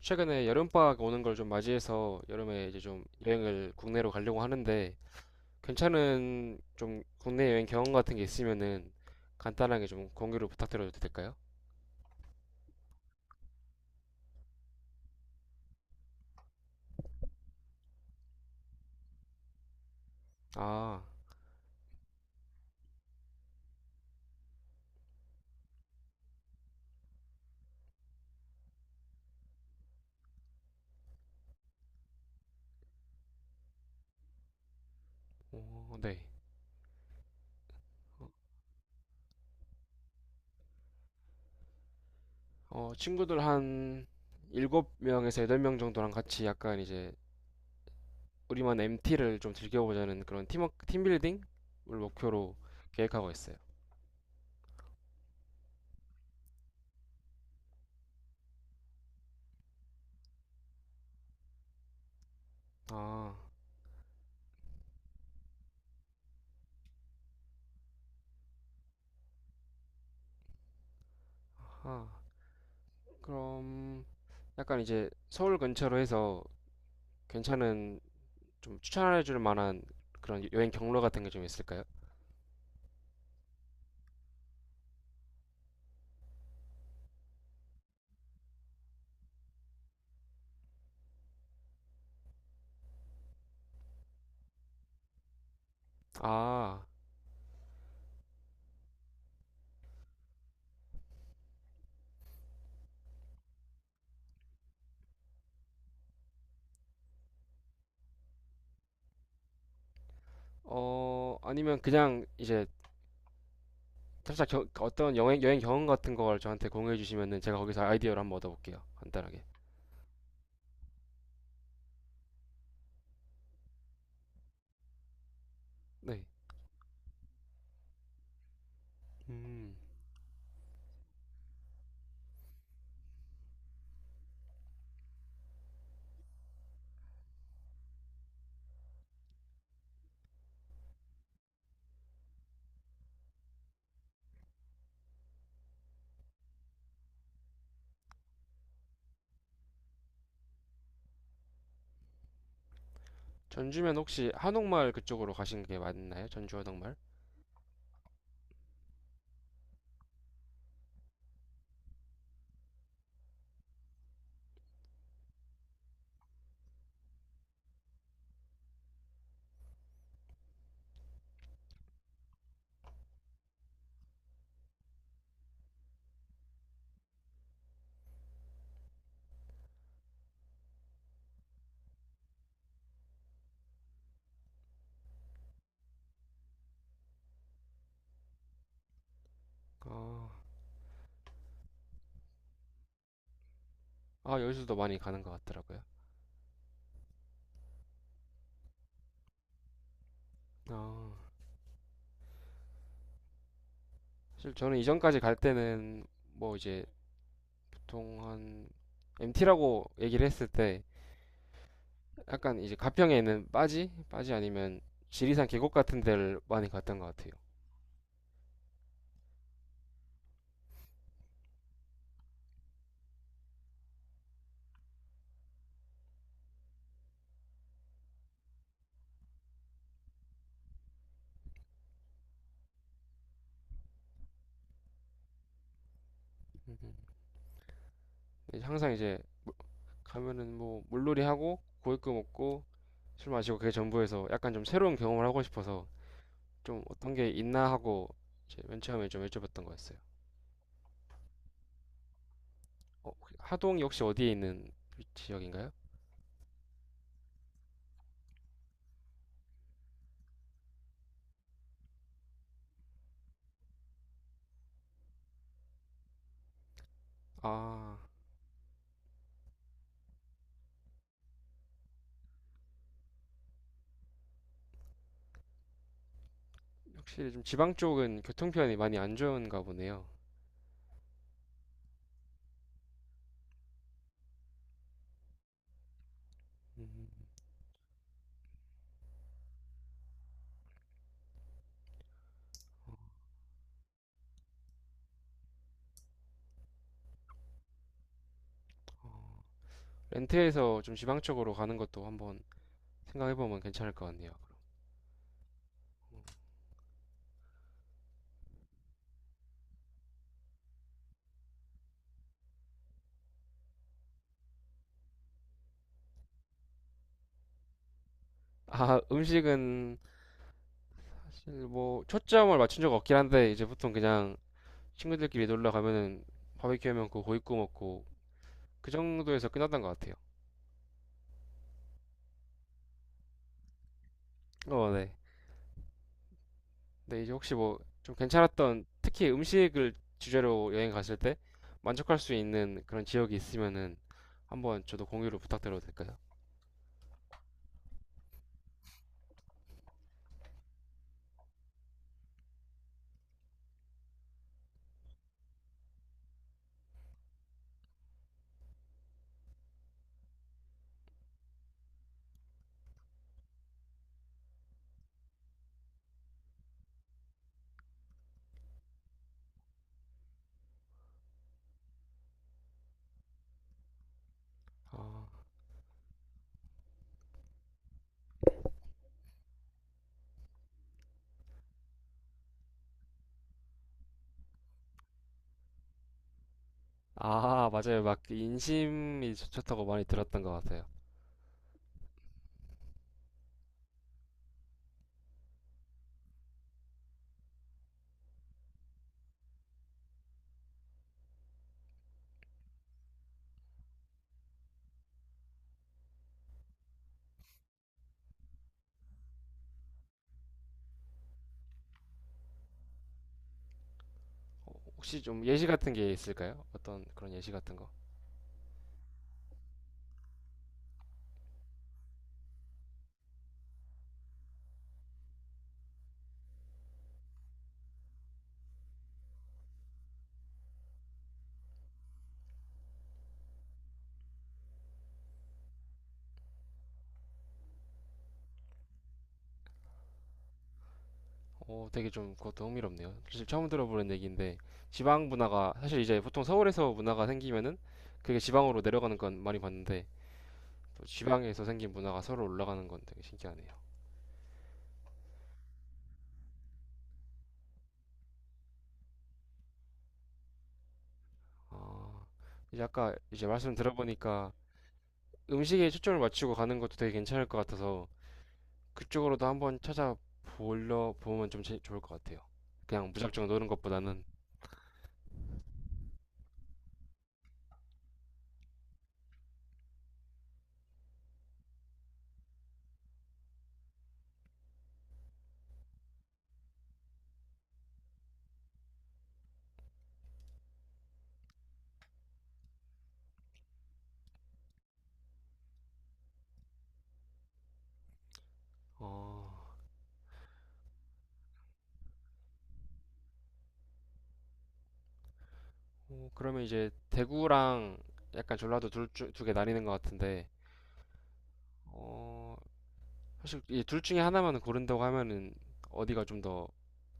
최근에 여름방학 오는 걸 좀 맞이해서 여름에 이제 좀 여행을 국내로 가려고 하는데 괜찮은 좀 국내 여행 경험 같은 게 있으면은 간단하게 좀 공유를 부탁드려도 될까요? 아, 어, 네. 친구들 한 7명에서 8명 정도랑 같이 약간 이제 우리만 MT를 좀 즐겨보자는 그런 팀워 팀빌딩을 목표로 계획하고 있어요. 아, 아, 그럼 약간 이제 서울 근처로 해서 괜찮은 좀 추천해 줄 만한 그런 여행 경로 같은 게 좀 있을까요? 아, 아니면 그냥 이제 어떤 여행 경험 같은 걸 저한테 공유해 주시면은 제가 거기서 아이디어를 한번 얻어볼게요. 간단하게. 네. 음. 전주면 혹시 한옥마을 그쪽으로 가신 게 맞나요? 전주 한옥마을? 아, 아, 여기서도 많이 가는 것 같더라고요. 아, 사실 저는 이전까지 갈 때는 뭐 이제 보통 한 MT라고 얘기를 했을 때 약간 이제 가평에 있는 빠지? 빠지 아니면 지리산 계곡 같은 데를 많이 갔던 것 같아요. 항상 이제 가면은 뭐 물놀이 하고 고기구 먹고 술 마시고 그게 전부에서 약간 좀 새로운 경험을 하고 싶어서 좀 어떤 게 있나 하고 이제 맨 처음에 좀 여쭤봤던 거였어요. 어, 하동이 혹시 어디에 있는 지역인가요? 아, 확실히 좀 지방 쪽은 교통편이 많이 안 좋은가 보네요. 렌트해서 좀 지방 쪽으로 가는 것도 한번 생각해보면 괜찮을 것 같네요. 아, 음식은 뭐 초점을 맞춘 적 없긴 한데 이제 보통 그냥 친구들끼리 놀러 가면은 바베큐 하면 그 고기 구워 먹고 그 정도에서 끝났던 것 같아요. 어, 네. 근데 이제 혹시 뭐 좀 괜찮았던 특히 음식을 주제로 여행 갔을 때 만족할 수 있는 그런 지역이 있으면은 한번 저도 공유를 부탁드려도 될까요? 아, 아, 맞아요. 막그 인심이 좋다고 많이 들었던 것 같아요. 혹시 좀 예시 같은 게 있을까요? 어떤 그런 예시 같은 거? 오, 되게 좀 그것도 흥미롭네요. 사실 처음 들어보는 얘기인데 지방 문화가 사실 이제 보통 서울에서 문화가 생기면은 그게 지방으로 내려가는 건 많이 봤는데 또 지방에서 생긴 문화가 서로 올라가는 건 되게 신기하네요. 아, 이제 아까 이제 말씀 들어보니까 음식에 초점을 맞추고 가는 것도 되게 괜찮을 것 같아서 그쪽으로도 한번 찾아보려 보면 좋을 것 같아요. 그냥 무작정 노는 것보다는. 어, 어, 그러면 이제 대구랑 약간 전라도 둘 중 두개 나뉘는 것 같은데 어, 사실 이 둘 중에 하나만 고른다고 하면은 어디가 좀 더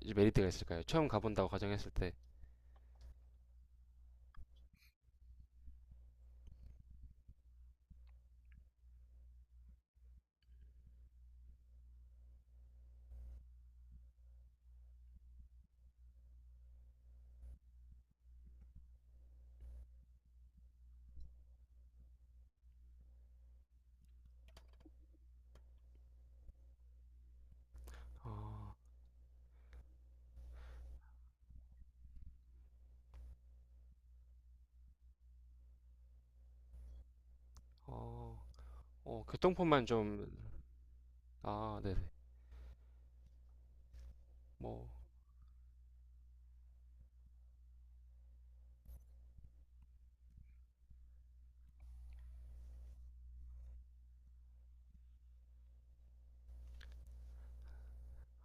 이제 메리트가 있을까요? 처음 가본다고 가정했을 때. 어, 어, 어, 교통편만 좀, 아, 네네. 뭐,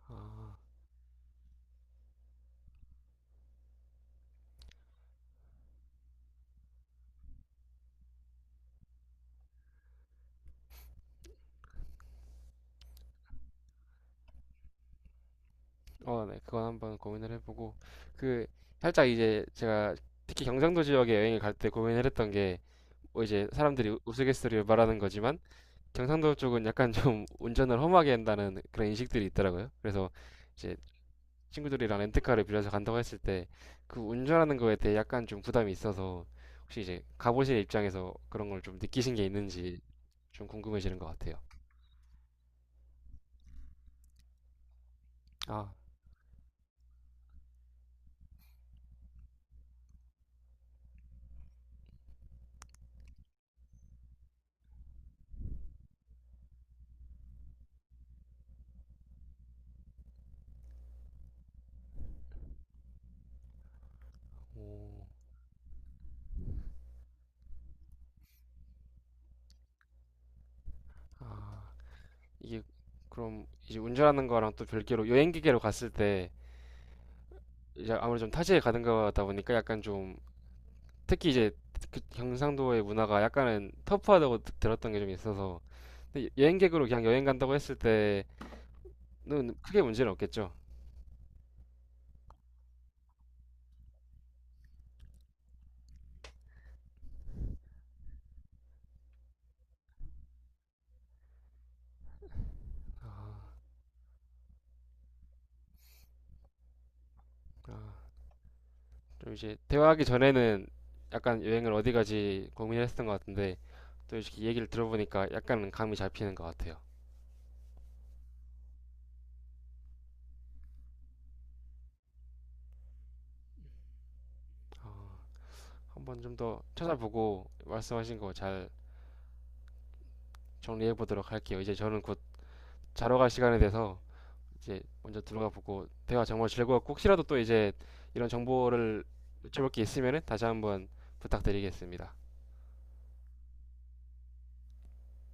아, 어, 네. 그건 한번 고민을 해보고. 그, 살짝 이제 제가 특히 경상도 지역에 여행을 갈 때 고민을 했던 게, 뭐 이제 사람들이 우스갯소리로 말하는 거지만, 경상도 쪽은 약간 좀 운전을 험하게 한다는 그런 인식들이 있더라고요. 그래서 이제 친구들이랑 렌트카를 빌려서 간다고 했을 때 그 운전하는 거에 대해 약간 좀 부담이 있어서 혹시 이제 가보실 입장에서 그런 걸 좀 느끼신 게 있는지 좀 궁금해지는 것 같아요. 아, 오, 아, 이게 그럼 이제 운전하는 거랑 또 별개로 여행 기계로 갔을 때 이제 아무래도 좀 타지에 가는 거다 보니까 약간 좀 특히 이제 그 경상도의 문화가 약간은 터프하다고 들었던 게 좀 있어서 근데 여행객으로 그냥 여행 간다고 했을 때는 크게 문제는 없겠죠. 좀 이제 대화하기 전에는 약간 여행을 어디 가지 고민을 했던 것 같은데 또 이렇게 얘기를 들어보니까 약간 감이 잡히는 것 같아요. 어, 한번 좀 더 찾아보고 말씀하신 거 잘 정리해 보도록 할게요. 이제 저는 곧 자러 갈 시간대 돼서 이제 먼저 들어가 보고 대화 정말 즐거웠고 혹시라도 또 이제 이런 정보를 여쭤볼 게 있으면은 다시 한번 부탁드리겠습니다.